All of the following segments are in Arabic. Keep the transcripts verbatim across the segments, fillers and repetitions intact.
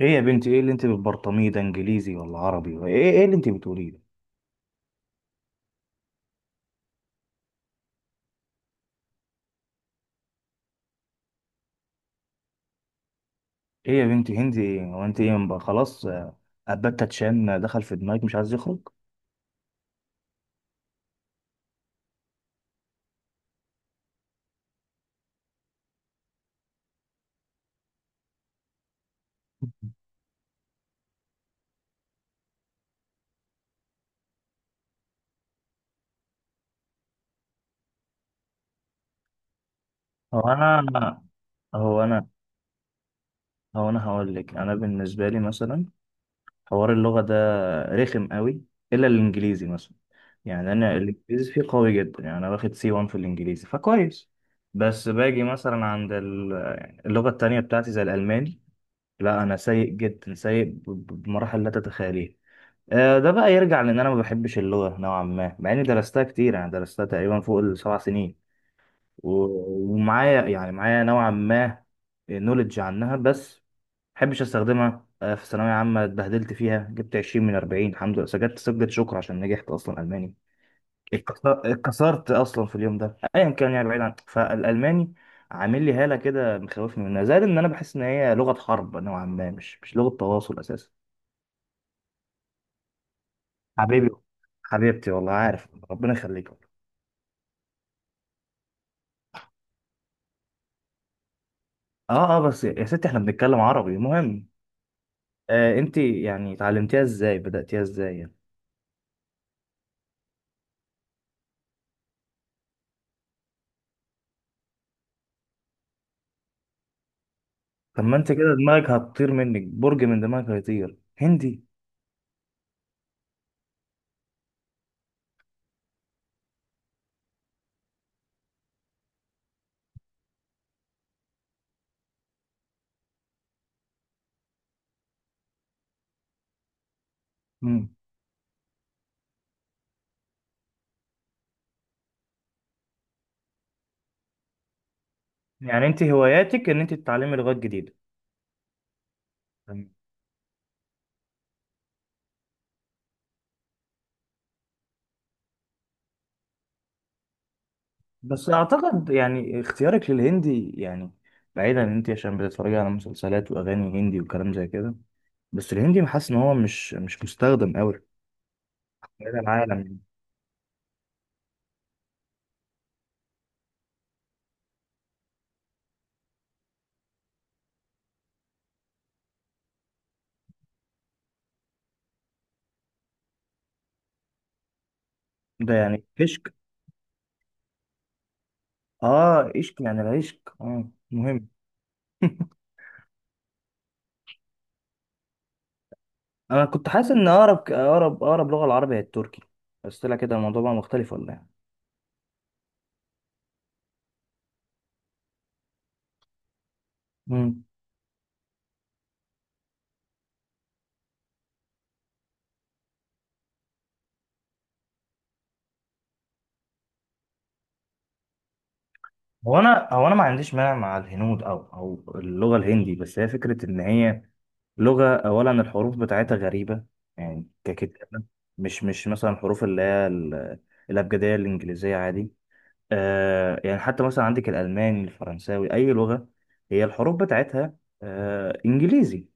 ايه يا بنتي، ايه اللي انت بتبرطميه ده؟ انجليزي ولا عربي ولا ايه؟ ايه اللي انت بتقوليه ده؟ ايه يا بنتي هندي ايه؟ هو انت ايه بقى؟ خلاص آه، ابات تتشان دخل في دماغك مش عايز يخرج. هو انا هو انا هو انا هقول لك، انا بالنسبه لي مثلا حوار اللغه ده رخم قوي، الا الانجليزي مثلا. يعني انا الانجليزي فيه قوي جدا، يعني انا واخد سي 1 في الانجليزي فكويس. بس باجي مثلا عند ال- اللغه التانية بتاعتي زي الالماني، لا انا سيء جدا، سيء ب- ب- بمراحل لا تتخيليه. آه، ده بقى يرجع لان انا ما بحبش اللغه نوعا ما، مع اني درستها كتير، يعني درستها تقريبا فوق السبع سنين و- ومعايا يعني معايا نوعا ما نولج عنها، بس ما بحبش استخدمها. آه، في ثانويه عامه اتبهدلت فيها، جبت عشرين من اربعين الحمد لله، سجلت سجلت شكر عشان نجحت اصلا الماني. اتكسر- اتكسرت اصلا في اليوم ده، ايا كان. يعني بعيد عن، فالالماني عامل لي هاله كده مخوفني منها، زائد ان انا بحس ان هي لغه حرب نوعا ما، مش مش لغه تواصل اساسا. حبيبي، حبيبتي والله، عارف ربنا يخليك والله. اه اه، بس يا ستي احنا بنتكلم عربي مهم. آه، انت يعني اتعلمتيها ازاي؟ بدأتيها ازاي يعني؟ طب ما انت كده دماغك هتطير منك، برج من دماغك هيطير هندي. مم. يعني انت هواياتك ان انت تتعلمي لغات جديده؟ بس اعتقد يعني اختيارك للهندي، يعني بعيدا ان انت عشان بتتفرجي على مسلسلات واغاني هندي وكلام زي كده، بس الهندي حاسس ان هو مش مش مستخدم قوي في هذا العالم. ده يعني عشق؟ اه عشق، يعني العشق اه مهم. انا كنت حاسس ان اقرب اقرب اقرب لغه العربي هي التركي، بس طلع كده الموضوع بقى مختلف ولا ايه؟ مم. هو انا هو انا ما عنديش مانع مع الهنود او او اللغه الهندي، بس هي فكره ان هي لغة، أولا الحروف بتاعتها غريبة يعني ككتابة. مش مش مثلا الحروف اللي هي ال- الأبجدية الإنجليزية عادي. آه يعني حتى مثلا عندك الألماني، الفرنساوي، أي لغة هي الحروف بتاعتها آه إنجليزي.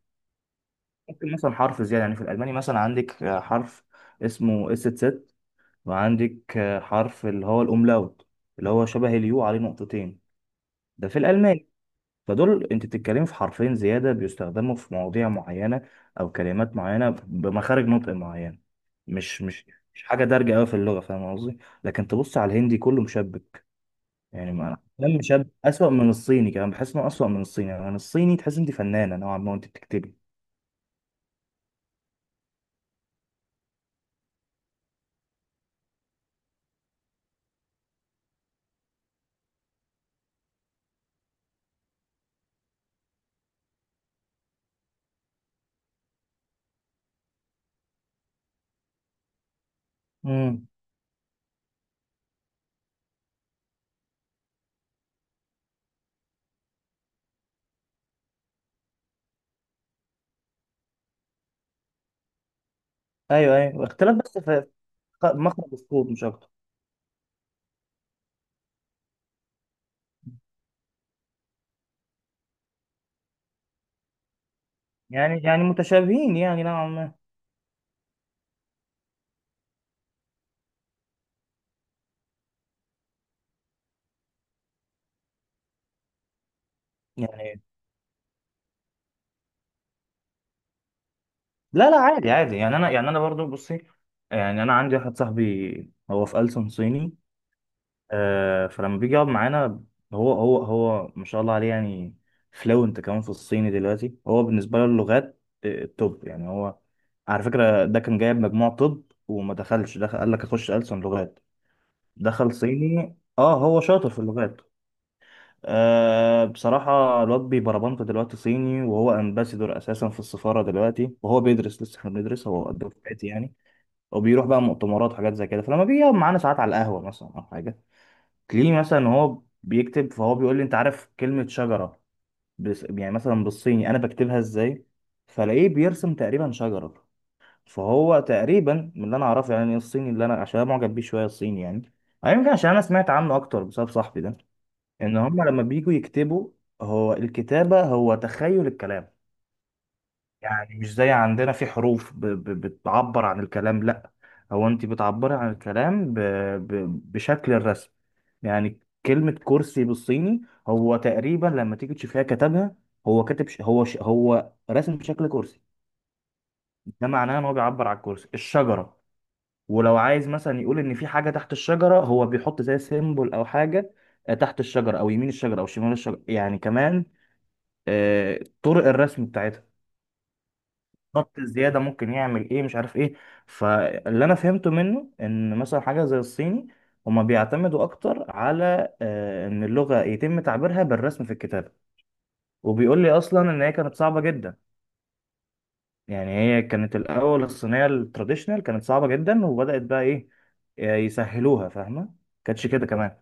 ممكن مثلا حرف زيادة، يعني في الألماني مثلا عندك آه، حرف اسمه اس ست، وعندك آه، حرف اللي هو الأوملاوت، اللي هو شبه اليو عليه نقطتين، ده في الألماني. فدول انت بتتكلمي في حرفين زياده بيستخدموا في مواضيع معينه او كلمات معينه بمخارج نطق معينه. مش مش مش حاجه دارجه قوي في اللغه، فاهم قصدي؟ لكن تبص على الهندي كله مشبك. يعني ما انا كلام مشبك اسوأ من الصيني، كمان بحس انه اسوأ من الصيني. يعني الصيني تحس انت فنانه نوعا ما وانت بتكتبي. امم. ايوه ايوه، اختلاف بس في خ- مخرج الصوت مش اكتر. يعني يعني متشابهين يعني نوعا ما يعني. لا لا عادي عادي، يعني انا يعني انا برضو بصي، يعني انا عندي واحد صاحبي هو في ألسن صيني. آه، فلما بيجي يقعد معانا، هو هو هو ما شاء الله عليه، يعني فلوينت كمان في الصيني دلوقتي. هو بالنسبة له اللغات آه، التوب، يعني هو على فكرة ده كان جايب مجموع طب وما دخلش، دخل قال لك اخش ألسن لغات. دخل صيني، اه هو شاطر في اللغات. آه بصراحة الواد بيبربنط دلوقتي صيني، وهو امباسيدور اساسا في السفارة دلوقتي، وهو بيدرس لسه احنا بندرس، هو قد دفعتي يعني. وبيروح بقى مؤتمرات وحاجات زي كده. فلما بيجي يقعد معانا ساعات على القهوة مثلا او حاجة، تلاقيه مثلا هو بيكتب، فهو بيقول لي انت عارف كلمة شجرة بس يعني مثلا بالصيني انا بكتبها ازاي؟ فلاقيه بيرسم تقريبا شجرة. فهو تقريبا من اللي انا اعرفه يعني الصيني، اللي انا عشان أنا معجب بيه شوية الصيني يعني، أو يمكن عشان انا سمعت عنه اكتر بسبب صاحبي ده، ان هم لما بيجوا يكتبوا، هو الكتابة هو تخيل الكلام. يعني مش زي عندنا في حروف ب... ب... بتعبر عن الكلام، لا، هو انت بتعبري عن الكلام ب... ب... بشكل الرسم يعني. كلمة كرسي بالصيني، هو تقريبا لما تيجي تشوفيها كتبها، هو كاتب ش... هو ش... هو رسم شكل كرسي. ده معناه ان هو بيعبر عن الكرسي، الشجرة، ولو عايز مثلا يقول ان في حاجة تحت الشجرة هو بيحط زي سيمبل او حاجة، آه، تحت الشجرة او يمين الشجرة او شمال الشجرة، يعني كمان آه، طرق الرسم بتاعتها بالظبط. الزياده ممكن يعمل ايه مش عارف ايه. فاللي انا فهمته منه ان مثلا حاجه زي الصيني، هما بيعتمدوا اكتر على آه، ان اللغه يتم تعبيرها بالرسم في الكتابه. وبيقول لي اصلا ان هي كانت صعبه جدا. يعني هي كانت الاول، الصينيه التراديشنال كانت صعبه جدا، وبدات بقى ايه، آه، يسهلوها، فاهمه؟ كانتش كده كمان.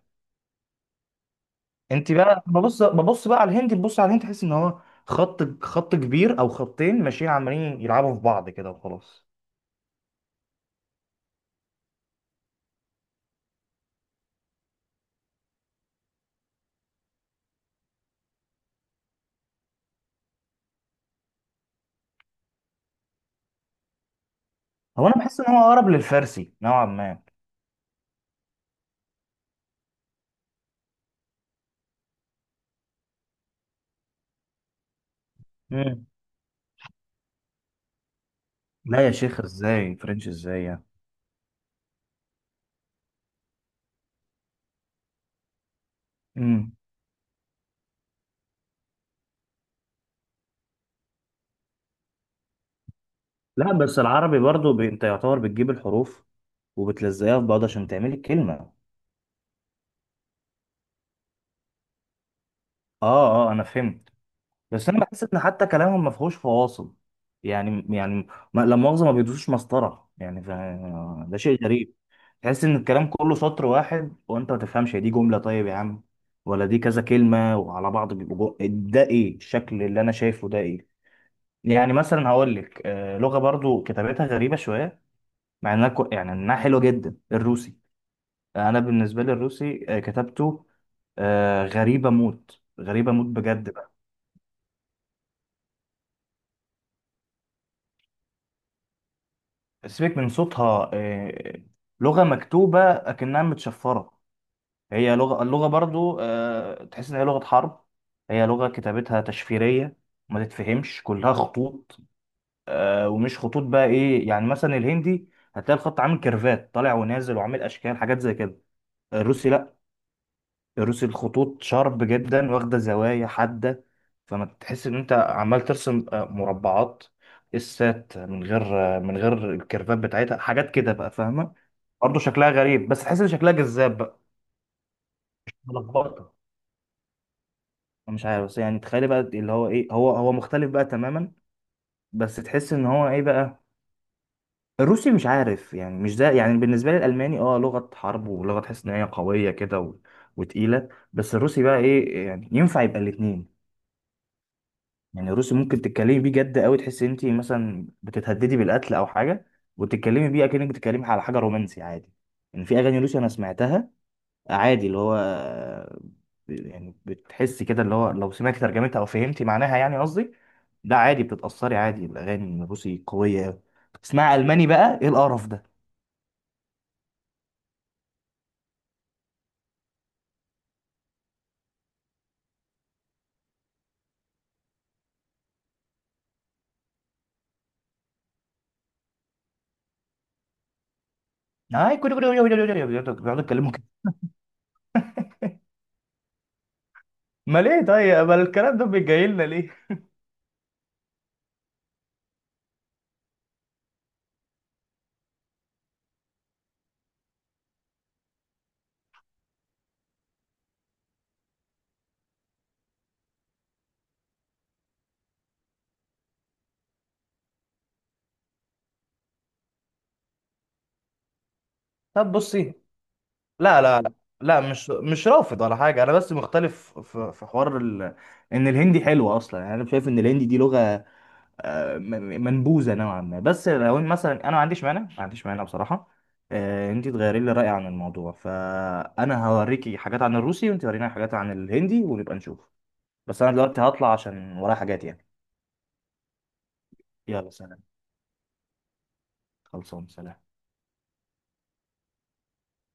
انت بقى ببص، ببص بقى على الهندي، تبص على الهندي تحس ان هو خط، خط كبير او خطين ماشيين عمالين يلعبوا في بعض كده وخلاص. هو انا بحس ان هو اقرب للفارسي نوعا ما. امم. لا يا شيخ ازاي فرنش ازاي يعني؟ امم. لا بس العربي برضو، ب... انت يعتبر بتجيب الحروف وبتلزقها في بعض عشان تعملي الكلمه. اه اه انا فهمت. بس انا بحس ان حتى كلامهم ما فيهوش فواصل يعني يعني ما... لا مؤاخذه ما بيدوسوش مسطره يعني ف... ده شيء غريب. تحس ان الكلام كله سطر واحد، وانت ما تفهمش هي دي جمله طيب يا عم ولا دي كذا كلمه وعلى بعض بيبقوا جو- ده ايه الشكل اللي انا شايفه ده ايه؟ يعني مثلا هقول لك آه، لغه برضو كتابتها غريبه شويه، مع انها كو- يعني انها حلوه جدا، الروسي. آه، انا بالنسبه لي الروسي آه، كتابته آه، غريبه موت، غريبه موت بجد بقى. سيبك من صوتها، آه، لغه مكتوبه اكنها متشفره. هي لغه، اللغه برضو آه، تحس ان هي لغه حرب. هي لغه كتابتها تشفيريه، ما تتفهمش، كلها خطوط. آه، ومش خطوط بقى ايه، يعني مثلا الهندي هتلاقي الخط عامل كيرفات طالع ونازل وعامل اشكال حاجات زي كده. الروسي لا، رسم الخطوط شارب جدا، واخدة زوايا حادة. فما تحس ان انت عمال ترسم آه، مربعات السات من غير آه، من غير الكيرفات بتاعتها، حاجات كده بقى فاهمة. برضه شكلها غريب، بس تحس ان شكلها جذاب بقى. ملخبطة، مش عارف. بس يعني تخيلي بقى اللي هو ايه، هو هو مختلف بقى تماما. بس تحس ان هو ايه بقى، الروسي مش عارف، يعني مش ده يعني. بالنسبة لي الألماني اه لغة حرب، ولغة تحس ان هي قوية كده و... وتقيلة. بس الروسي بقى ايه، يعني ينفع يبقى الاتنين. يعني الروسي ممكن تتكلمي بيه جد قوي، تحسي انت مثلا بتتهددي بالقتل او حاجه، وتتكلمي بيه اكنك بتتكلمي على حاجه رومانسي عادي. يعني في اغاني روسي انا سمعتها عادي، اللي هو يعني بتحسي كده اللي هو لو سمعتي ترجمتها او فهمتي معناها يعني قصدي، ده عادي بتتاثري عادي. الاغاني الروسي قويه قوي، تسمعي الماني بقى ايه القرف ده. هاي كل كل بيقعدوا يتكلموا كده. امال ايه طيب؟ امال الكلام ده جاي لنا ليه؟ طب بصي، لا لا لا لا، مش مش رافض ولا حاجه، انا بس مختلف في في حوار ال... ان الهندي حلوه اصلا. يعني انا شايف ان الهندي دي لغه آه، م- م- منبوذه نوعا ما، بس لو إن مثلا انا ما عنديش مانع، ما عنديش مانع بصراحه. آه، انت تغيري لي رايي عن الموضوع، فانا هوريكي حاجات عن الروسي، وانت وريني حاجات عن الهندي، ونبقى نشوف. بس انا دلوقتي هطلع عشان ورايا حاجات يعني. يلا سلام. خلصان سلام.